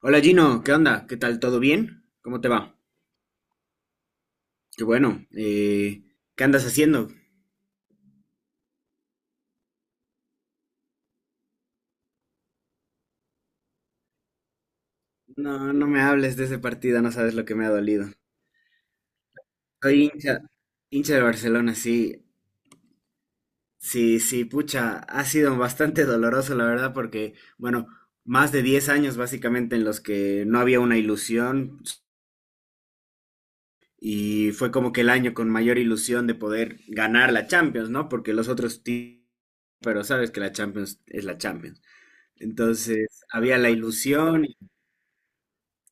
Hola Gino, ¿qué onda? ¿Qué tal? ¿Todo bien? ¿Cómo te va? Qué bueno. ¿Qué andas haciendo? No, no me hables de ese partido, no sabes lo que me ha dolido. Soy hincha de Barcelona, sí, sí, sí, pucha, ha sido bastante doloroso, la verdad, porque, bueno, más de 10 años básicamente en los que no había una ilusión y fue como que el año con mayor ilusión de poder ganar la Champions, ¿no? Porque los otros, pero sabes que la Champions es la Champions. Entonces, había la ilusión y,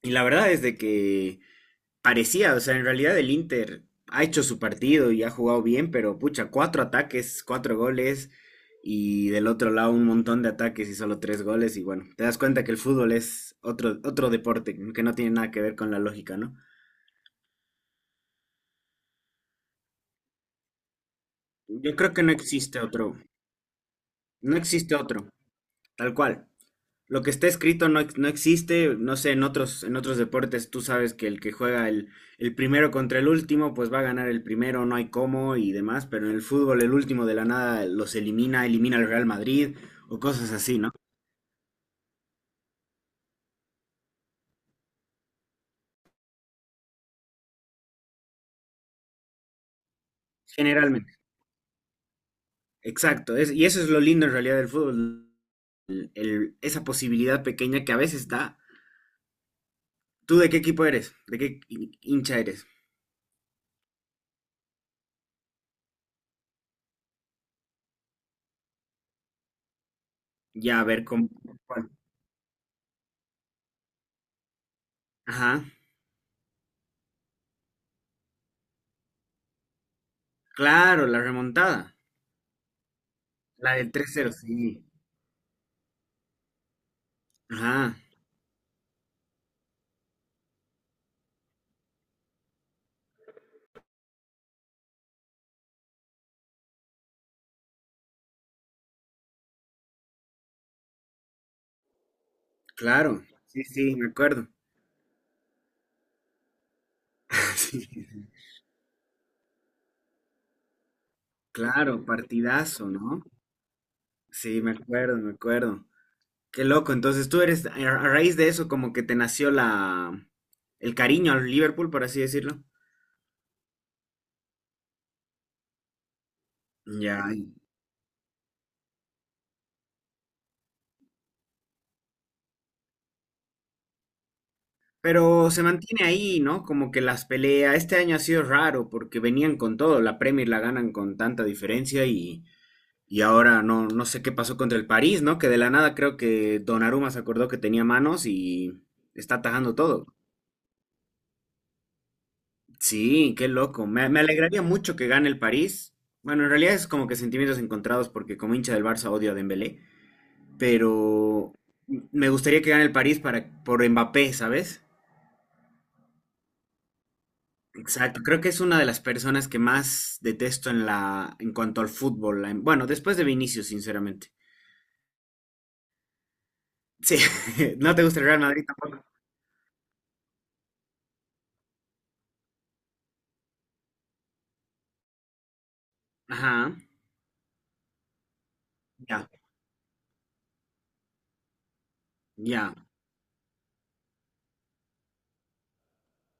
y la verdad es de que parecía, o sea, en realidad el Inter ha hecho su partido y ha jugado bien, pero pucha, cuatro ataques, cuatro goles y del otro lado un montón de ataques y solo tres goles y bueno, te das cuenta que el fútbol es otro, otro deporte que no tiene nada que ver con la lógica, ¿no? Yo creo que no existe otro, no existe otro, tal cual. Lo que está escrito no, no existe, no sé, en otros deportes tú sabes que el que juega el primero contra el último, pues va a ganar el primero, no hay cómo y demás, pero en el fútbol el último de la nada los elimina, elimina al Real Madrid o cosas así, ¿no? Generalmente, exacto, y eso es lo lindo en realidad del fútbol, esa posibilidad pequeña que a veces da. ¿Tú de qué equipo eres? ¿De qué hincha eres? Ya, a ver, ¿cuál? Ajá, claro, la remontada, la del 3-0, sí. Ajá. Claro, sí, sí, me acuerdo. Sí, claro, partidazo, ¿no? Sí, me acuerdo, me acuerdo. Qué loco, entonces tú eres, a raíz de eso, como que te nació el cariño al Liverpool, por así decirlo. Ya. Pero se mantiene ahí, ¿no? Como que las peleas, este año ha sido raro porque venían con todo, la Premier la ganan con tanta diferencia y ahora no, no sé qué pasó contra el París, ¿no? Que de la nada creo que Donnarumma se acordó que tenía manos y está atajando todo. Sí, qué loco. Me alegraría mucho que gane el París. Bueno, en realidad es como que sentimientos encontrados porque como hincha del Barça odio a Dembélé, pero me gustaría que gane el París para, por Mbappé, ¿sabes? Exacto. Creo que es una de las personas que más detesto en cuanto al fútbol. Bueno, después de Vinicius, sinceramente. Sí, ¿no te gusta el Real Madrid tampoco? Ajá, ya, ya,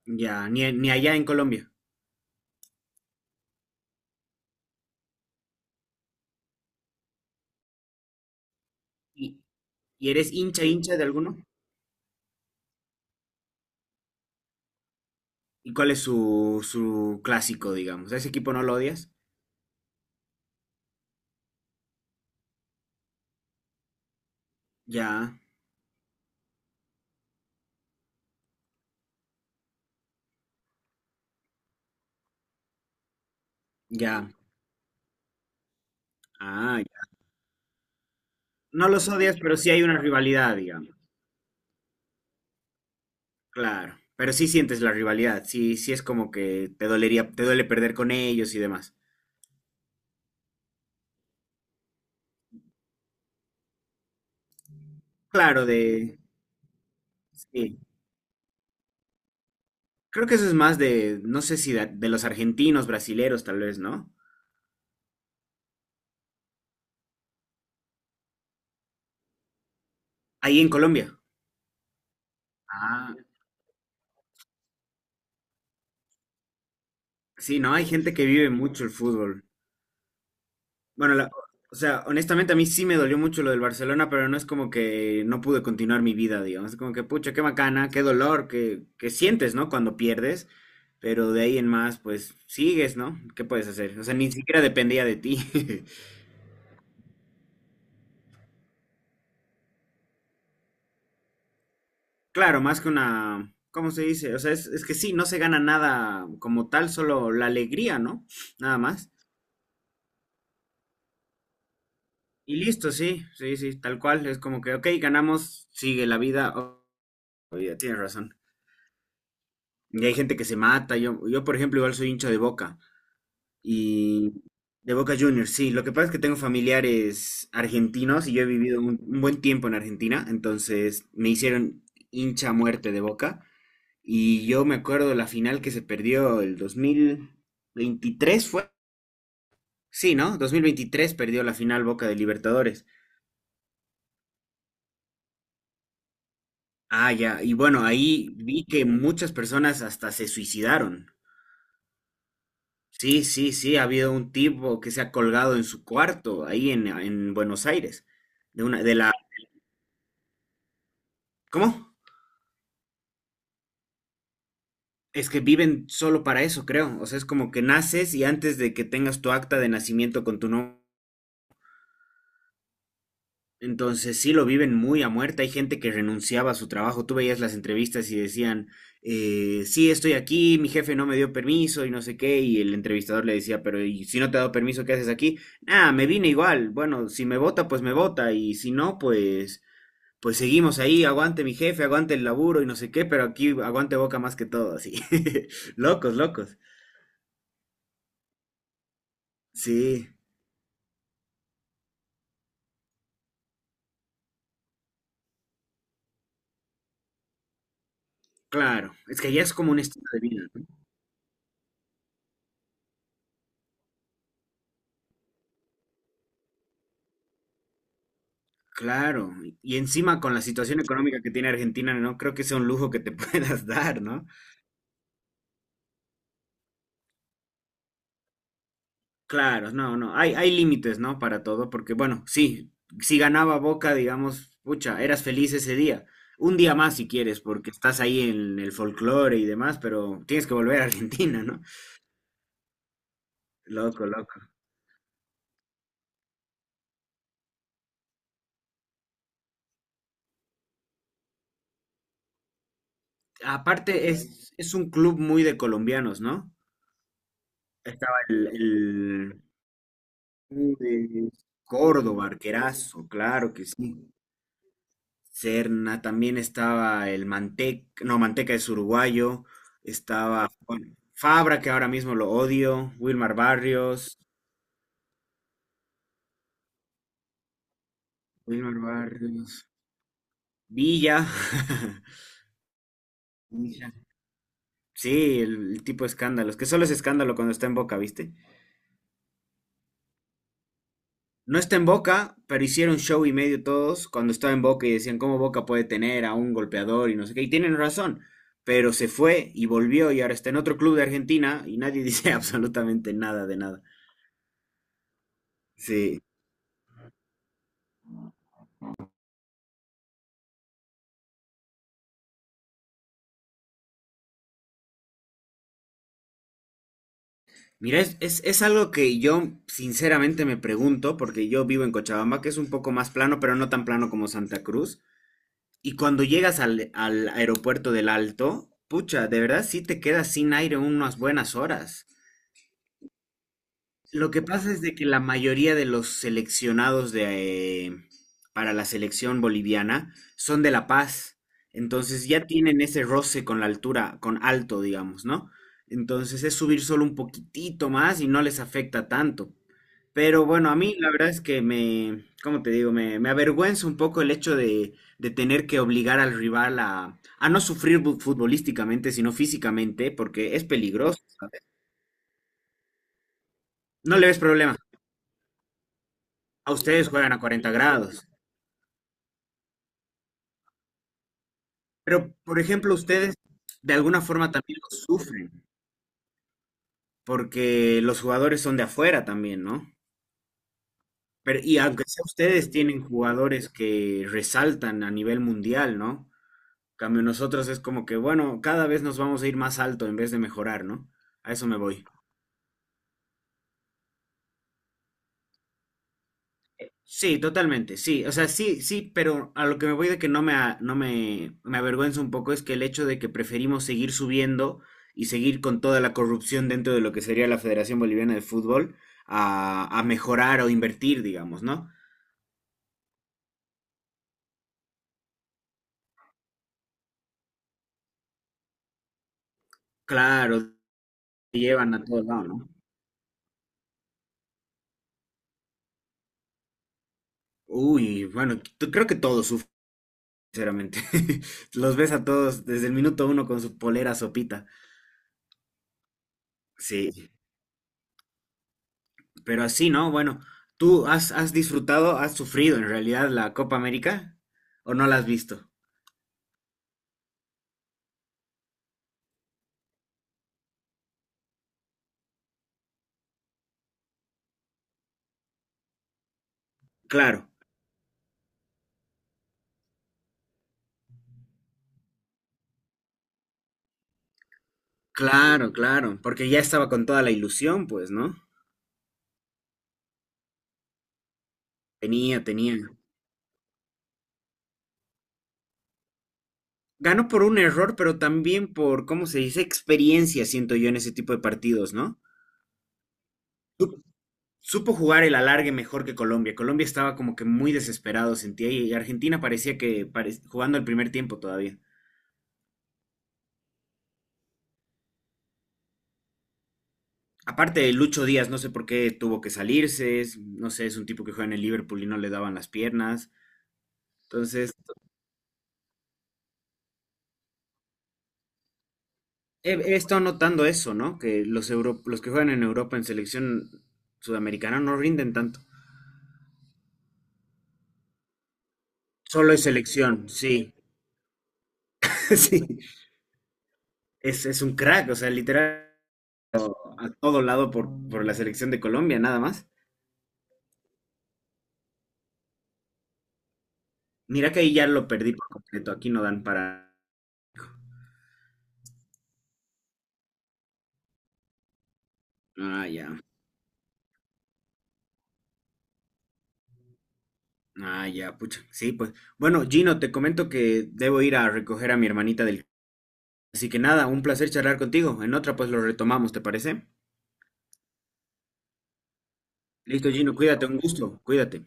ya. Ni allá en Colombia. ¿Y, y eres hincha de alguno? ¿Y cuál es su clásico, digamos? ¿A ese equipo no lo odias? Ya, ya. Ah, ya. No los odias, pero sí hay una rivalidad, digamos. Claro. Pero sí sientes la rivalidad. Sí, sí es como que te dolería, te duele perder con ellos y demás. Claro, de. Sí. Creo que eso es más de, no sé si de los argentinos, brasileros, tal vez, ¿no? Ahí en Colombia. Ah, sí, no, hay gente que vive mucho el fútbol. Bueno, o sea, honestamente a mí sí me dolió mucho lo del Barcelona, pero no es como que no pude continuar mi vida, digamos. Es como que, pucha, qué bacana, qué dolor que sientes, ¿no? Cuando pierdes, pero de ahí en más, pues sigues, ¿no? ¿Qué puedes hacer? O sea, ni siquiera dependía de ti. Claro, más que una, ¿cómo se dice? O sea, es que sí, no se gana nada como tal, solo la alegría, ¿no? Nada más. Y listo, sí, sí, sí, tal cual. Es como que, ok, ganamos, sigue la vida. Oh, ya tienes razón. Y hay gente que se mata. Yo, por ejemplo, igual soy hincha de Boca. Y de Boca Juniors, sí. Lo que pasa es que tengo familiares argentinos y yo he vivido un buen tiempo en Argentina. Entonces me hicieron hincha a muerte de Boca. Y yo me acuerdo la final que se perdió el 2023, ¿fue? Sí, ¿no? 2023 perdió la final Boca de Libertadores. Ah, ya. Y bueno, ahí vi que muchas personas hasta se suicidaron. Sí, sí, sí, ha habido un tipo que se ha colgado en su cuarto, ahí en Buenos Aires, de una, de la, ¿cómo? Es que viven solo para eso, creo. O sea, es como que naces y antes de que tengas tu acta de nacimiento con tu nombre, entonces sí lo viven muy a muerte. Hay gente que renunciaba a su trabajo. Tú veías las entrevistas y decían, sí, estoy aquí, mi jefe no me dio permiso y no sé qué. Y el entrevistador le decía, pero ¿y si no te ha dado permiso, qué haces aquí? Ah, me vine igual. Bueno, si me vota, pues me vota. Y si no, pues seguimos ahí, aguante mi jefe, aguante el laburo y no sé qué, pero aquí aguante Boca más que todo, así. Locos, locos. Sí, claro. Es que ya es como un estilo de vida, ¿no? Claro. Y encima con la situación económica que tiene Argentina, no creo que sea un lujo que te puedas dar, ¿no? Claro, no, no. Hay límites, ¿no? Para todo, porque bueno, sí, si ganaba Boca, digamos, pucha, eras feliz ese día. Un día más si quieres, porque estás ahí en el folclore y demás, pero tienes que volver a Argentina, ¿no? Loco, loco. Aparte, es un club muy de colombianos, ¿no? Estaba el Córdoba, Arquerazo, claro que sí. Serna, también estaba el Manteca, no, Manteca es uruguayo, estaba Juan Fabra, que ahora mismo lo odio, Wilmar Barrios, Villa. Villa. Sí, el tipo de escándalos, que solo es escándalo cuando está en Boca, ¿viste? No está en Boca, pero hicieron show y medio todos cuando estaba en Boca y decían cómo Boca puede tener a un golpeador y no sé qué. Y tienen razón, pero se fue y volvió y ahora está en otro club de Argentina y nadie dice absolutamente nada de nada. Sí. Mira, es algo que yo sinceramente me pregunto, porque yo vivo en Cochabamba, que es un poco más plano, pero no tan plano como Santa Cruz. Y cuando llegas al aeropuerto del Alto, pucha, de verdad sí te quedas sin aire unas buenas horas. Lo que pasa es de que la mayoría de los seleccionados para la selección boliviana son de La Paz, entonces ya tienen ese roce con la altura, con alto, digamos, ¿no? Entonces es subir solo un poquitito más y no les afecta tanto. Pero bueno, a mí la verdad es que me, ¿cómo te digo? Me avergüenza un poco el hecho de tener que obligar al rival a no sufrir futbolísticamente, sino físicamente, porque es peligroso. No le ves problema. A ustedes juegan a 40 grados. Pero, por ejemplo, ustedes de alguna forma también lo sufren, porque los jugadores son de afuera también, ¿no? Pero, y aunque sea ustedes tienen jugadores que resaltan a nivel mundial, ¿no? En Cambio nosotros es como que, bueno, cada vez nos vamos a ir más alto en vez de mejorar, ¿no? A eso me voy. Sí, totalmente, sí, o sea, sí, sí, pero a lo que me voy de que no me, a- no me, me avergüenza un poco es que el hecho de que preferimos seguir subiendo y seguir con toda la corrupción dentro de lo que sería la Federación Boliviana de Fútbol a mejorar o invertir, digamos, ¿no? Claro, te llevan a todos lados, ¿no? Uy, bueno, creo que todos sufren, sinceramente. Los ves a todos desde el minuto uno con su polera sopita. Sí. Pero así, ¿no? Bueno, ¿tú has disfrutado, has sufrido en realidad la Copa América o no la has visto? Claro, claro, claro, porque ya estaba con toda la ilusión, pues, ¿no? Tenía, tenía. Ganó por un error, pero también por, ¿cómo se dice? Experiencia, siento yo, en ese tipo de partidos, ¿no? Supo jugar el alargue mejor que Colombia. Colombia estaba como que muy desesperado, sentía, y Argentina parecía que jugando el primer tiempo todavía. Aparte de Lucho Díaz, no sé por qué tuvo que salirse, no sé, es un tipo que juega en el Liverpool y no le daban las piernas. Entonces, he estado notando eso, ¿no? Que los que juegan en Europa en selección sudamericana no rinden tanto. Solo es selección, sí. Sí, es un crack, o sea, literal, a todo lado por la selección de Colombia, nada más. Mira que ahí ya lo perdí por completo, aquí no dan para... Ah, ya. Ah, ya, pucha. Sí, pues. Bueno, Gino, te comento que debo ir a recoger a mi hermanita del. Así que nada, un placer charlar contigo. En otra pues lo retomamos, ¿te parece? Listo, Gino, cuídate, un gusto, cuídate.